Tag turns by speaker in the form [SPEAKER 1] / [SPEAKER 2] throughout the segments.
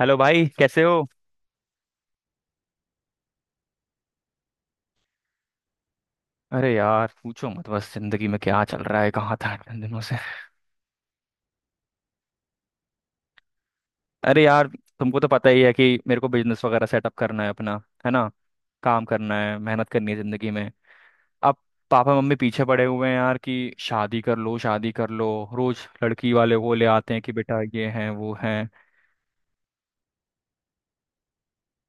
[SPEAKER 1] Hello भाई, कैसे हो। अरे यार, पूछो मत। बस जिंदगी में क्या चल रहा है, कहाँ था इतने दिनों से। अरे यार, तुमको तो पता ही है कि मेरे को बिजनेस वगैरह सेटअप करना है अपना। है ना। काम करना है, मेहनत करनी है जिंदगी में। अब पापा मम्मी पीछे पड़े हुए हैं यार कि शादी कर लो, शादी कर लो। रोज लड़की वाले वो ले आते हैं कि बेटा ये है, वो है।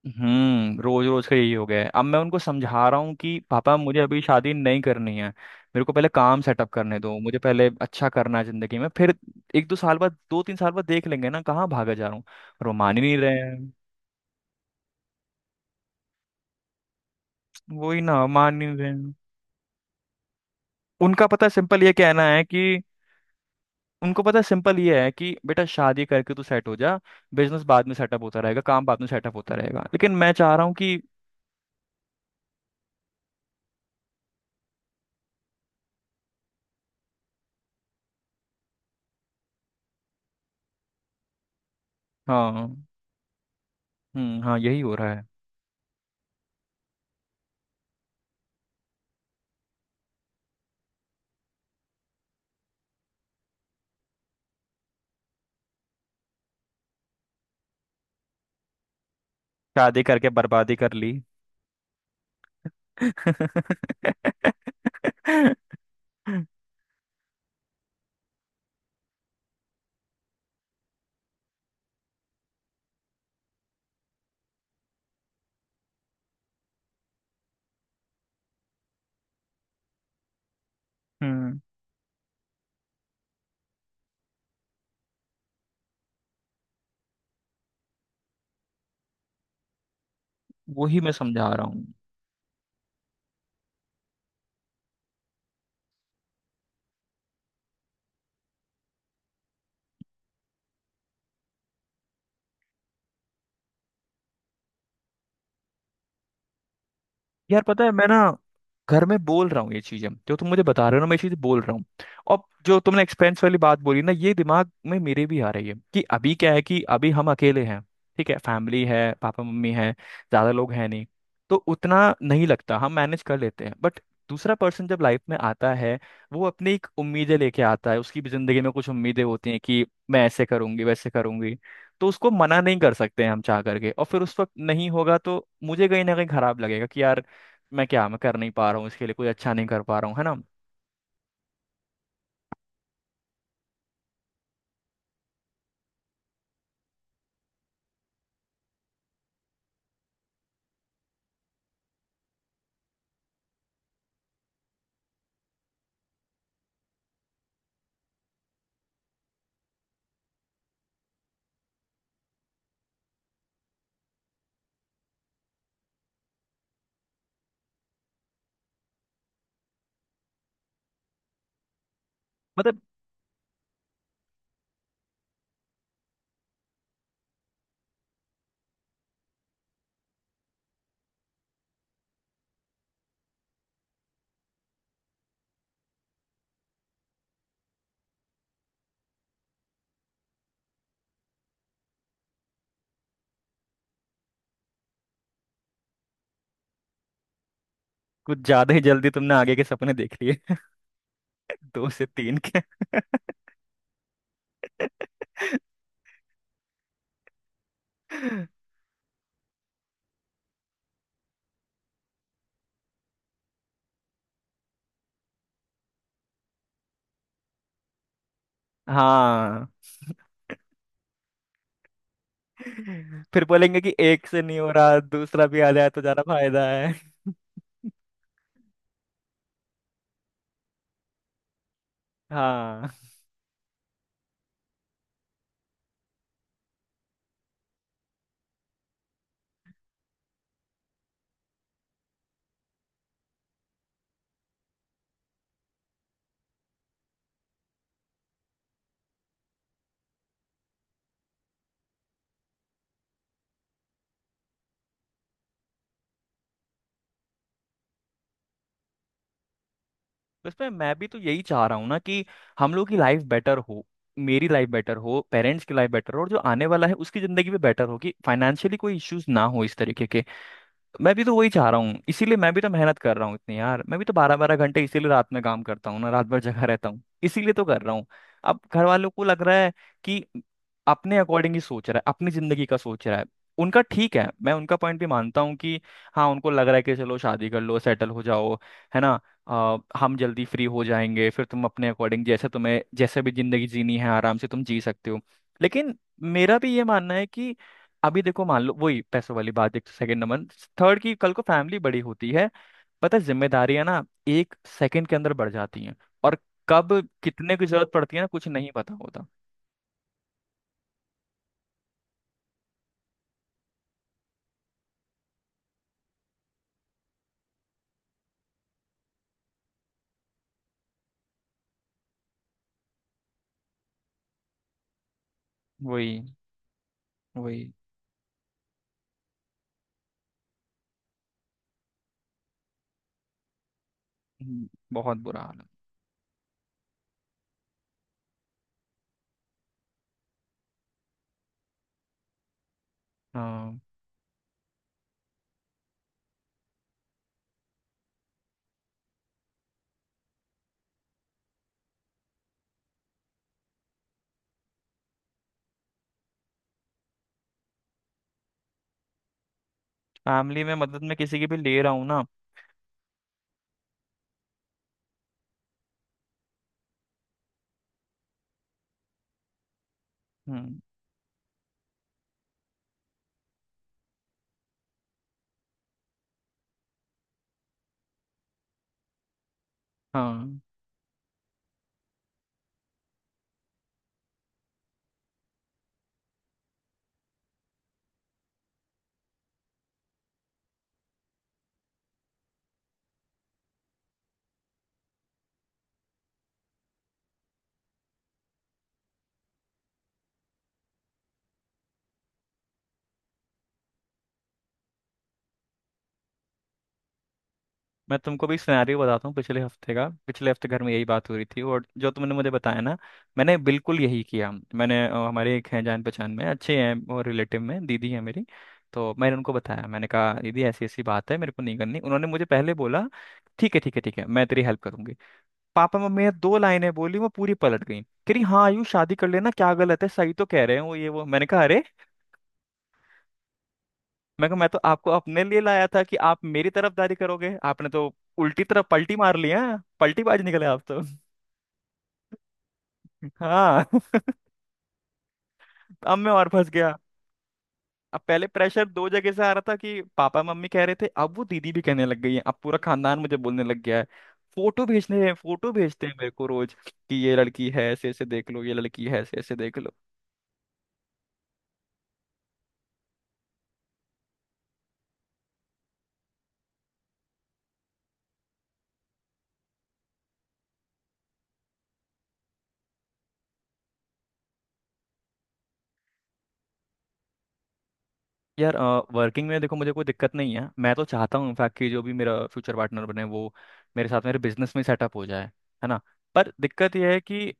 [SPEAKER 1] रोज रोज का यही हो गया है। अब मैं उनको समझा रहा हूँ कि पापा मुझे अभी शादी नहीं करनी है, मेरे को पहले काम सेटअप करने दो, मुझे पहले अच्छा करना है जिंदगी में, फिर 1-2 साल बाद 2-3 साल बाद देख लेंगे ना, कहाँ भागा जा रहा हूँ। और वो मान ही नहीं रहे हैं। वही ना, मान नहीं रहे हैं। उनका पता सिंपल ये कहना है कि उनको पता सिंपल ये है कि बेटा शादी करके तू सेट हो जा। बिजनेस बाद में सेटअप होता रहेगा, काम बाद में सेटअप होता रहेगा, लेकिन मैं चाह रहा हूँ कि। हाँ। हम्म। हाँ, यही हो रहा है। शादी करके बर्बादी कर ली। हम्म वही मैं समझा रहा हूँ। यार पता है, मैं ना घर में बोल रहा हूँ ये चीजें जो तुम मुझे बता रहे हो ना, मैं ये चीजें बोल रहा हूँ। और जो तुमने एक्सपेंस वाली बात बोली ना, ये दिमाग में मेरे भी आ रही है कि अभी क्या है कि अभी हम अकेले हैं। ठीक है, फैमिली है, पापा मम्मी है, ज्यादा लोग हैं नहीं। तो उतना नहीं लगता, हम मैनेज कर लेते हैं, बट दूसरा पर्सन जब लाइफ में आता है, वो अपनी एक उम्मीदें लेके आता है, उसकी भी जिंदगी में कुछ उम्मीदें होती हैं कि मैं ऐसे करूंगी, वैसे करूंगी। तो उसको मना नहीं कर सकते हैं हम चाह करके, और फिर उस वक्त नहीं होगा तो मुझे कहीं ना कहीं खराब लगेगा कि यार, मैं कर नहीं पा रहा हूँ इसके लिए, कोई अच्छा नहीं कर पा रहा हूँ। है ना। मतलब कुछ ज्यादा ही जल्दी तुमने आगे के सपने देख लिए। दो से तीन के। हाँ। फिर बोलेंगे कि एक से नहीं हो रहा दूसरा भी आ जाए तो ज्यादा फायदा है। हाँ। उसमें मैं भी तो यही चाह रहा हूँ ना कि हम लोग की लाइफ बेटर हो, मेरी लाइफ बेटर हो, पेरेंट्स की लाइफ बेटर हो, और जो आने वाला है उसकी जिंदगी भी बेटर हो कि फाइनेंशियली कोई इश्यूज ना हो इस तरीके के। मैं भी तो वही चाह रहा हूँ, इसीलिए मैं भी तो मेहनत कर रहा हूँ इतनी यार, मैं भी तो 12-12 घंटे इसीलिए रात में काम करता हूँ ना, रात भर जगा रहता हूँ, इसीलिए तो कर रहा हूँ। अब घर वालों को लग रहा है कि अपने अकॉर्डिंग ही सोच रहा है, अपनी जिंदगी का सोच रहा है। उनका ठीक है, मैं उनका पॉइंट भी मानता हूँ कि हाँ, उनको लग रहा है कि चलो शादी कर लो, सेटल हो जाओ। है ना। हम जल्दी फ्री हो जाएंगे, फिर तुम अपने अकॉर्डिंग जैसे तुम्हें, जैसे भी जिंदगी जीनी है आराम से तुम जी सकते हो। लेकिन मेरा भी ये मानना है कि अभी देखो, मान लो वही पैसों वाली बात। एक, सेकंड नंबर, थर्ड की कल को फैमिली बड़ी होती है। पता है जिम्मेदारियां ना एक सेकंड के अंदर बढ़ जाती हैं। और कब कितने की जरूरत पड़ती है ना, कुछ नहीं पता होता। वही। वही। हम्म। बहुत बुरा हाल है। हाँ। फैमिली में मदद में किसी की भी ले रहा हूँ ना। हम्म। हाँ। मैं तुमको भी सिनेरियो बताता हूँ पिछले हफ्ते का। पिछले हफ्ते घर में यही बात हो रही थी, और जो तुमने मुझे बताया ना, मैंने बिल्कुल यही किया। मैंने हमारे एक हैं जान पहचान में, अच्छे हैं, और रिलेटिव में दीदी है मेरी। तो मैंने उनको बताया, मैंने कहा दीदी ऐसी ऐसी बात है, मेरे को नहीं करनी। उन्होंने मुझे पहले बोला ठीक है, ठीक है, ठीक है, मैं तेरी हेल्प करूंगी। पापा मम्मी ने दो लाइनें बोली, वो पूरी पलट गई। कह रही हाँ आयु शादी कर लेना क्या गलत है, सही तो कह रहे हैं वो, ये वो। मैंने कहा अरे, मैं कहा मैं तो आपको अपने लिए लाया था कि आप मेरी तरफदारी करोगे, आपने तो उल्टी तरफ पलटी मार ली है। पलटीबाज निकले आप तो। हाँ। अब मैं और फंस गया। अब पहले प्रेशर दो जगह से आ रहा था कि पापा मम्मी कह रहे थे, अब वो दीदी भी कहने लग गई है, अब पूरा खानदान मुझे बोलने लग गया है। फोटो भेजने हैं, फोटो भेजते हैं मेरे को रोज कि ये लड़की है ऐसे ऐसे देख लो, ये लड़की है ऐसे ऐसे देख लो। यार वर्किंग में देखो मुझे कोई दिक्कत नहीं है, मैं तो चाहता हूँ इनफैक्ट कि जो भी मेरा फ्यूचर पार्टनर बने वो मेरे साथ मेरे बिजनेस में सेटअप हो जाए। है ना। पर दिक्कत यह है कि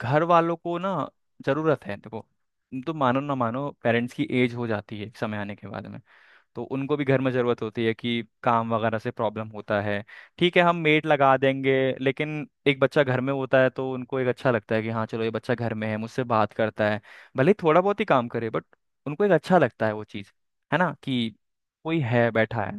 [SPEAKER 1] घर वालों को ना जरूरत है देखो। तुम तो मानो ना मानो, पेरेंट्स की एज हो जाती है एक समय आने के बाद में, तो उनको भी घर में ज़रूरत होती है कि काम वगैरह से प्रॉब्लम होता है। ठीक है, हम मेड लगा देंगे। लेकिन एक बच्चा घर में होता है तो उनको एक अच्छा लगता है कि हाँ चलो ये बच्चा घर में है, मुझसे बात करता है, भले ही थोड़ा बहुत ही काम करे, बट उनको एक अच्छा लगता है वो चीज़। है ना कि कोई है, बैठा है।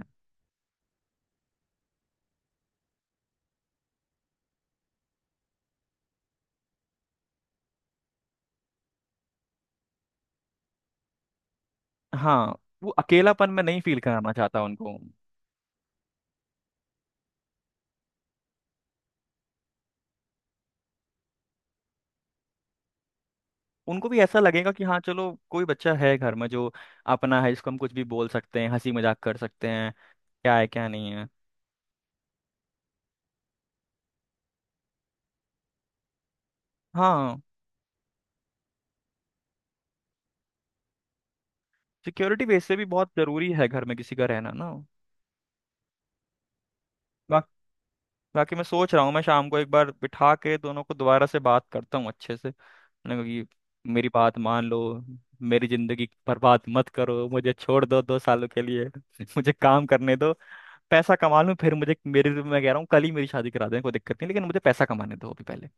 [SPEAKER 1] हाँ, वो अकेलापन में नहीं फील कराना चाहता उनको। उनको भी ऐसा लगेगा कि हाँ चलो कोई बच्चा है घर में, जो अपना है, जिसको हम कुछ भी बोल सकते हैं, हंसी मजाक कर सकते हैं। क्या है, क्या नहीं है। हाँ। सिक्योरिटी बेस से भी बहुत जरूरी है घर में किसी का रहना ना। बा, बाकी मैं सोच रहा हूँ, मैं शाम को एक बार बिठा के दोनों को दोबारा से बात करता हूँ अच्छे से। मैंने कहा कि मेरी बात मान लो, मेरी जिंदगी बर्बाद मत करो, मुझे छोड़ दो 2 सालों के लिए। मुझे काम करने दो, पैसा कमा लूँ फिर। मुझे मेरी मैं कह रहा हूँ कल ही मेरी शादी करा दें, कोई दिक्कत नहीं, लेकिन मुझे पैसा कमाने दो अभी पहले।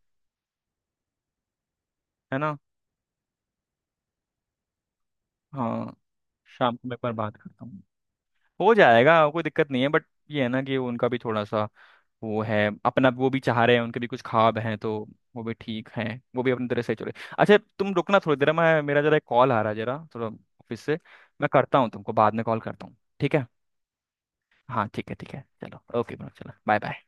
[SPEAKER 1] है ना। हाँ, शाम को मैं एक बार बात करता हूँ। हो जाएगा, कोई दिक्कत नहीं है, बट ये है ना कि उनका भी थोड़ा सा वो है, अपना वो भी चाह रहे हैं, उनके भी कुछ ख्वाब हैं तो। वो भी ठीक हैं, वो भी अपनी तरह से चले। अच्छा तुम रुकना थोड़ी देर, मैं मेरा जरा एक कॉल आ रहा है जरा, थोड़ा ऑफिस से। मैं करता हूँ, तुमको बाद में कॉल करता हूँ, ठीक है। हाँ ठीक है, ठीक है, चलो, ओके, चलो, बाय बाय।